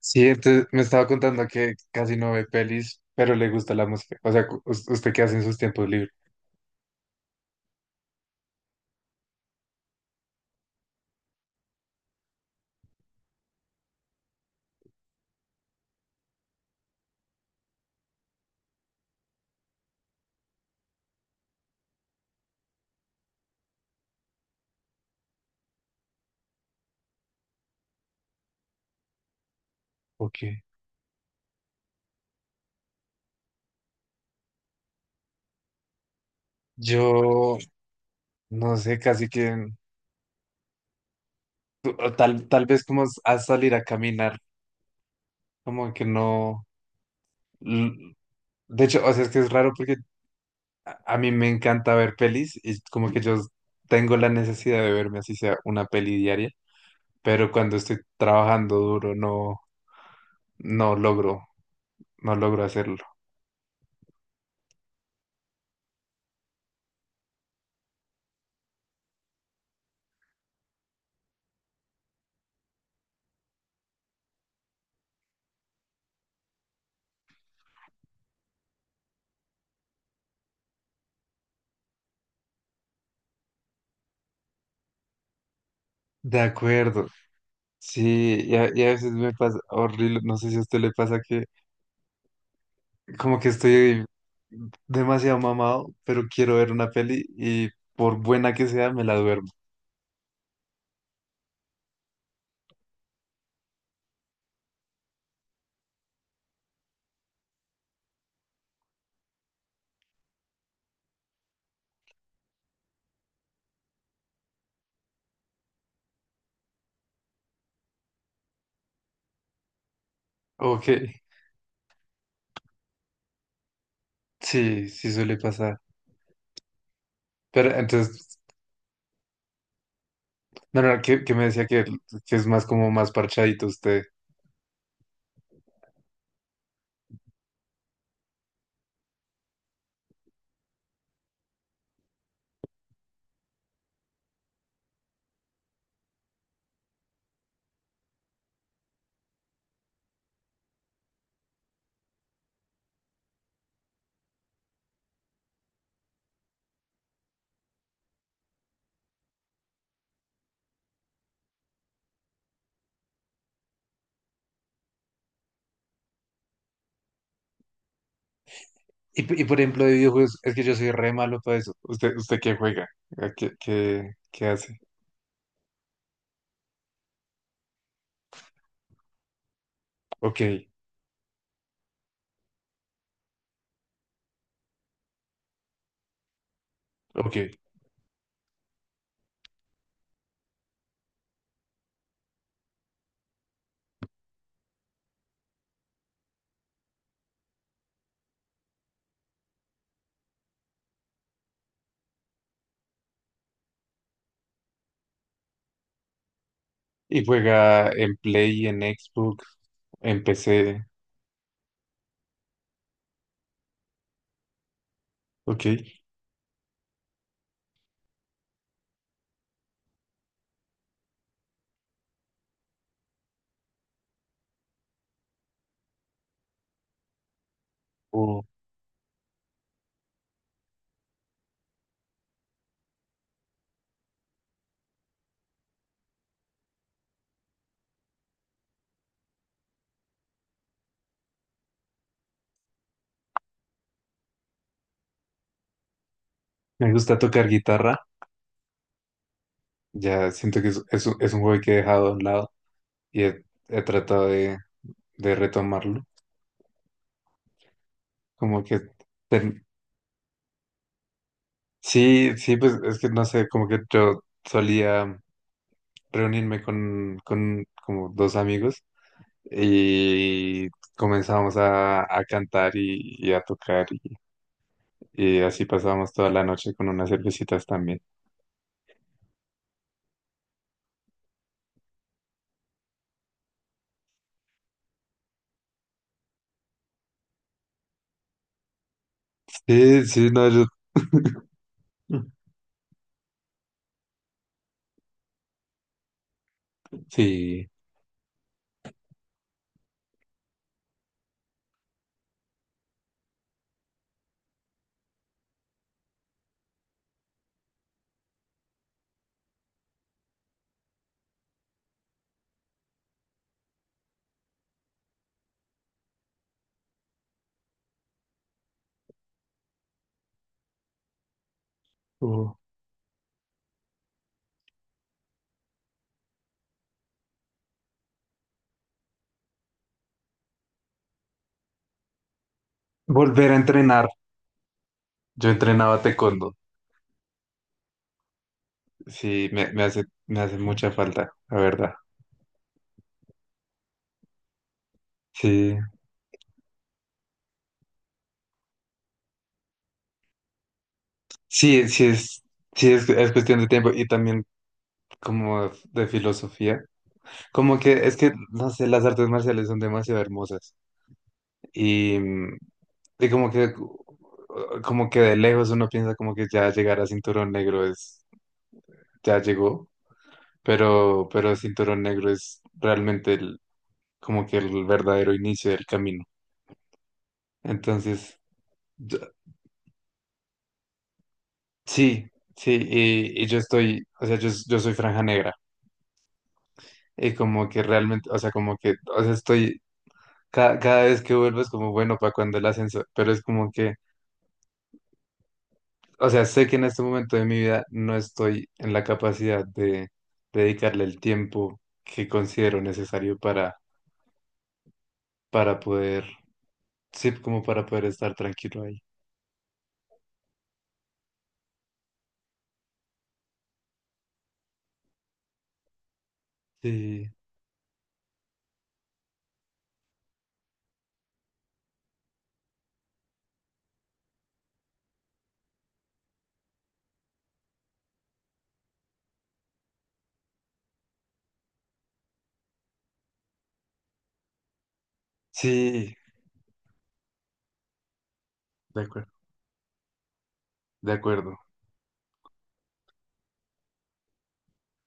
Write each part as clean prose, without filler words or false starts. Sí, entonces me estaba contando que casi no ve pelis, pero le gusta la música. O sea, ¿usted qué hace en sus tiempos libres? Ok. Yo no sé, casi que o tal vez como a salir a caminar, como que no. l- De hecho, o sea, es que es raro porque a mí me encanta ver pelis y como que yo tengo la necesidad de verme así sea una peli diaria, pero cuando estoy trabajando duro no logro, no logro hacerlo. De acuerdo. Sí, y a veces me pasa horrible, no sé si a usted le pasa que como que estoy demasiado mamado, pero quiero ver una peli y por buena que sea me la duermo. Ok, sí, sí suele pasar. Pero entonces, no, no, que me decía que es más como más parchadito usted. Por ejemplo, de videojuegos, es que yo soy re malo para eso. ¿Usted, usted qué juega? ¿A ¿Qué, qué, qué hace? Ok, ok. ¿Y juega en Play, en Xbox, en PC? Ok. O Me gusta tocar guitarra. Ya siento que es, un es un juego que he dejado a un lado y he tratado de retomarlo. Como que... ten- Sí, sí, pues es que no sé, como que yo solía reunirme con como dos amigos y comenzamos a cantar y a tocar y así pasábamos toda la noche con unas cervecitas también. Sí, sí, no, yo, sí. Uh, Volver a entrenar. Yo entrenaba taekwondo. Sí, me hace mucha falta, la verdad. Sí, sí, sí es cuestión de tiempo y también como de filosofía. Como que es que, no sé, las artes marciales son demasiado hermosas. Y mm, y como que de lejos uno piensa como que ya llegar a cinturón negro es, ya llegó, pero cinturón negro es realmente como que el verdadero inicio del camino. Entonces, yo- sí, sí, y yo estoy, o sea, yo soy franja negra, y como que realmente, o sea, como que, o sea, estoy, cada vez que vuelvo es como, bueno, para cuando el ascenso, pero es como que. O sea, sé que en este momento de mi vida no estoy en la capacidad de dedicarle el tiempo que considero necesario para poder, sí, como para poder estar tranquilo ahí. Sí, sí, de acuerdo, de acuerdo.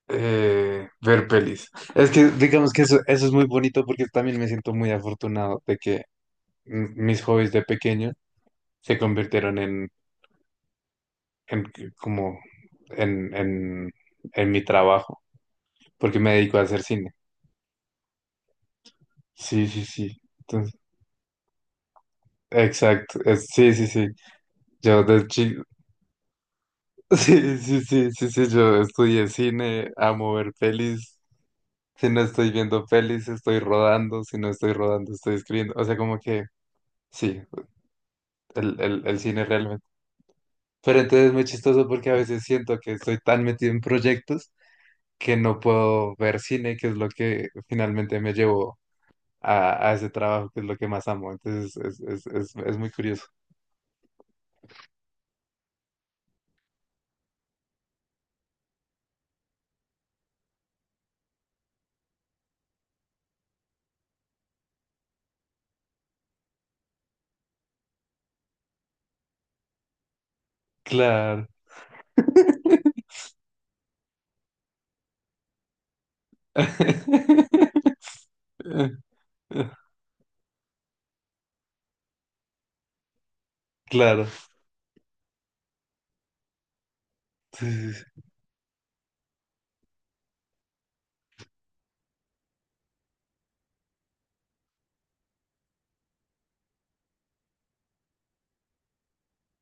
Ver pelis. Es que digamos que eso es muy bonito porque también me siento muy afortunado de que mm, mis hobbies de pequeño se convirtieron en, como en, en, en mi trabajo, porque me dedico a hacer cine. Sí, sí, sí. Entonces, exacto. es- sí, sí, sí. Yo de chico. Sí, sí, sí, sí, sí. Yo estudié cine, amo ver pelis. Si no estoy viendo pelis, estoy rodando. Si no estoy rodando, estoy escribiendo. O sea, como que sí, el cine realmente. Pero entonces es muy chistoso porque a veces siento que estoy tan metido en proyectos que no puedo ver cine, que es lo que finalmente me llevó a ese trabajo, que es lo que más amo. Entonces es muy curioso. Claro. Eh, eh, Claro. Sí, sí, sí.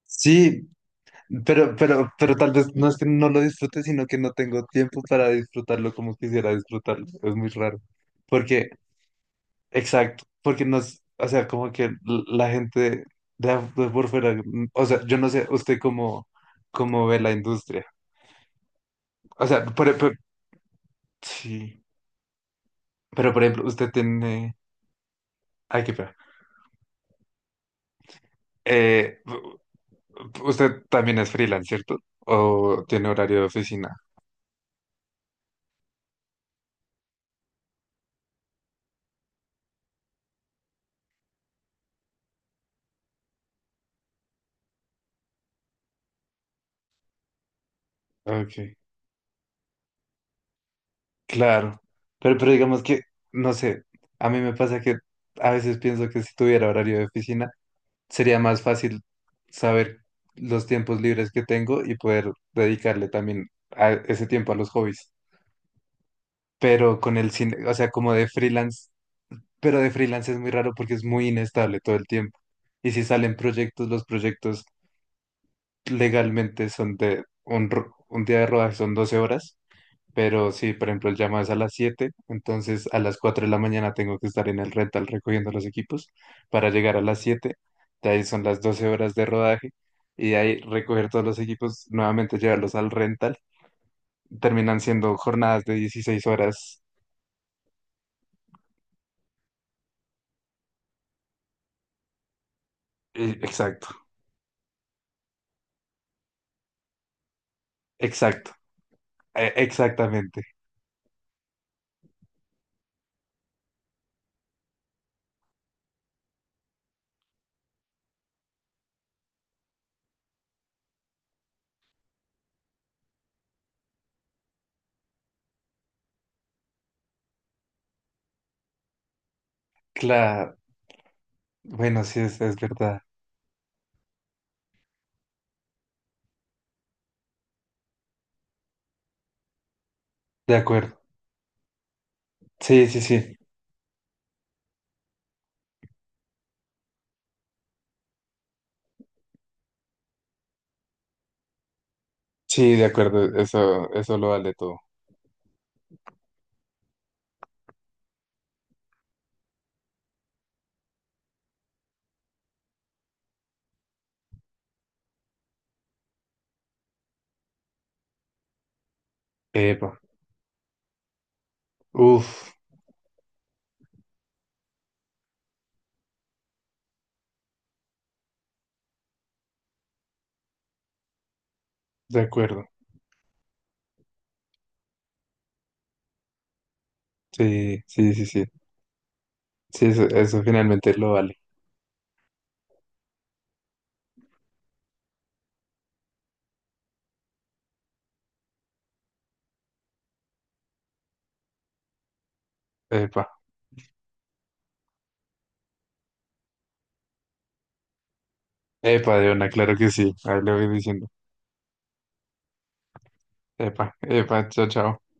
Sí, pero tal vez no es que no lo disfrute, sino que no tengo tiempo para disfrutarlo como quisiera disfrutarlo. Es muy raro. Porque, exacto, porque no, o sea, como que l- la gente de, de por fuera, mm, o sea, yo no sé usted cómo, cómo ve la industria. O sea, sí, pero por ejemplo, usted tiene, ay, qué pena. Eh, u- Usted también es freelance, ¿cierto? ¿O tiene horario de oficina? Ok. Claro, pero digamos que, no sé, a mí me pasa que a veces pienso que si tuviera horario de oficina, sería más fácil saber los tiempos libres que tengo y poder dedicarle también a ese tiempo a los hobbies. Pero con el cine, o sea, como de freelance, pero de freelance es muy raro porque es muy inestable todo el tiempo. Y si salen proyectos, los proyectos legalmente son de un día de rodaje son 12 horas. Pero sí, por ejemplo, el llamado es a las 7, entonces a las 4 de la mañana tengo que estar en el rental recogiendo los equipos para llegar a las 7, de ahí son las 12 horas de rodaje y de ahí recoger todos los equipos, nuevamente llevarlos al rental, terminan siendo jornadas de 16 horas. Exacto, exacto, exactamente. Claro, bueno, sí, es verdad, de acuerdo. Sí, sí, sí, sí, de acuerdo, eso lo vale todo. Epa, uff, de acuerdo. Sí, sí, sí, sí. Sí, eso finalmente lo vale. Epa, epa, de una, claro que sí. Ahí lo voy diciendo. Epa, epa, chao, chao.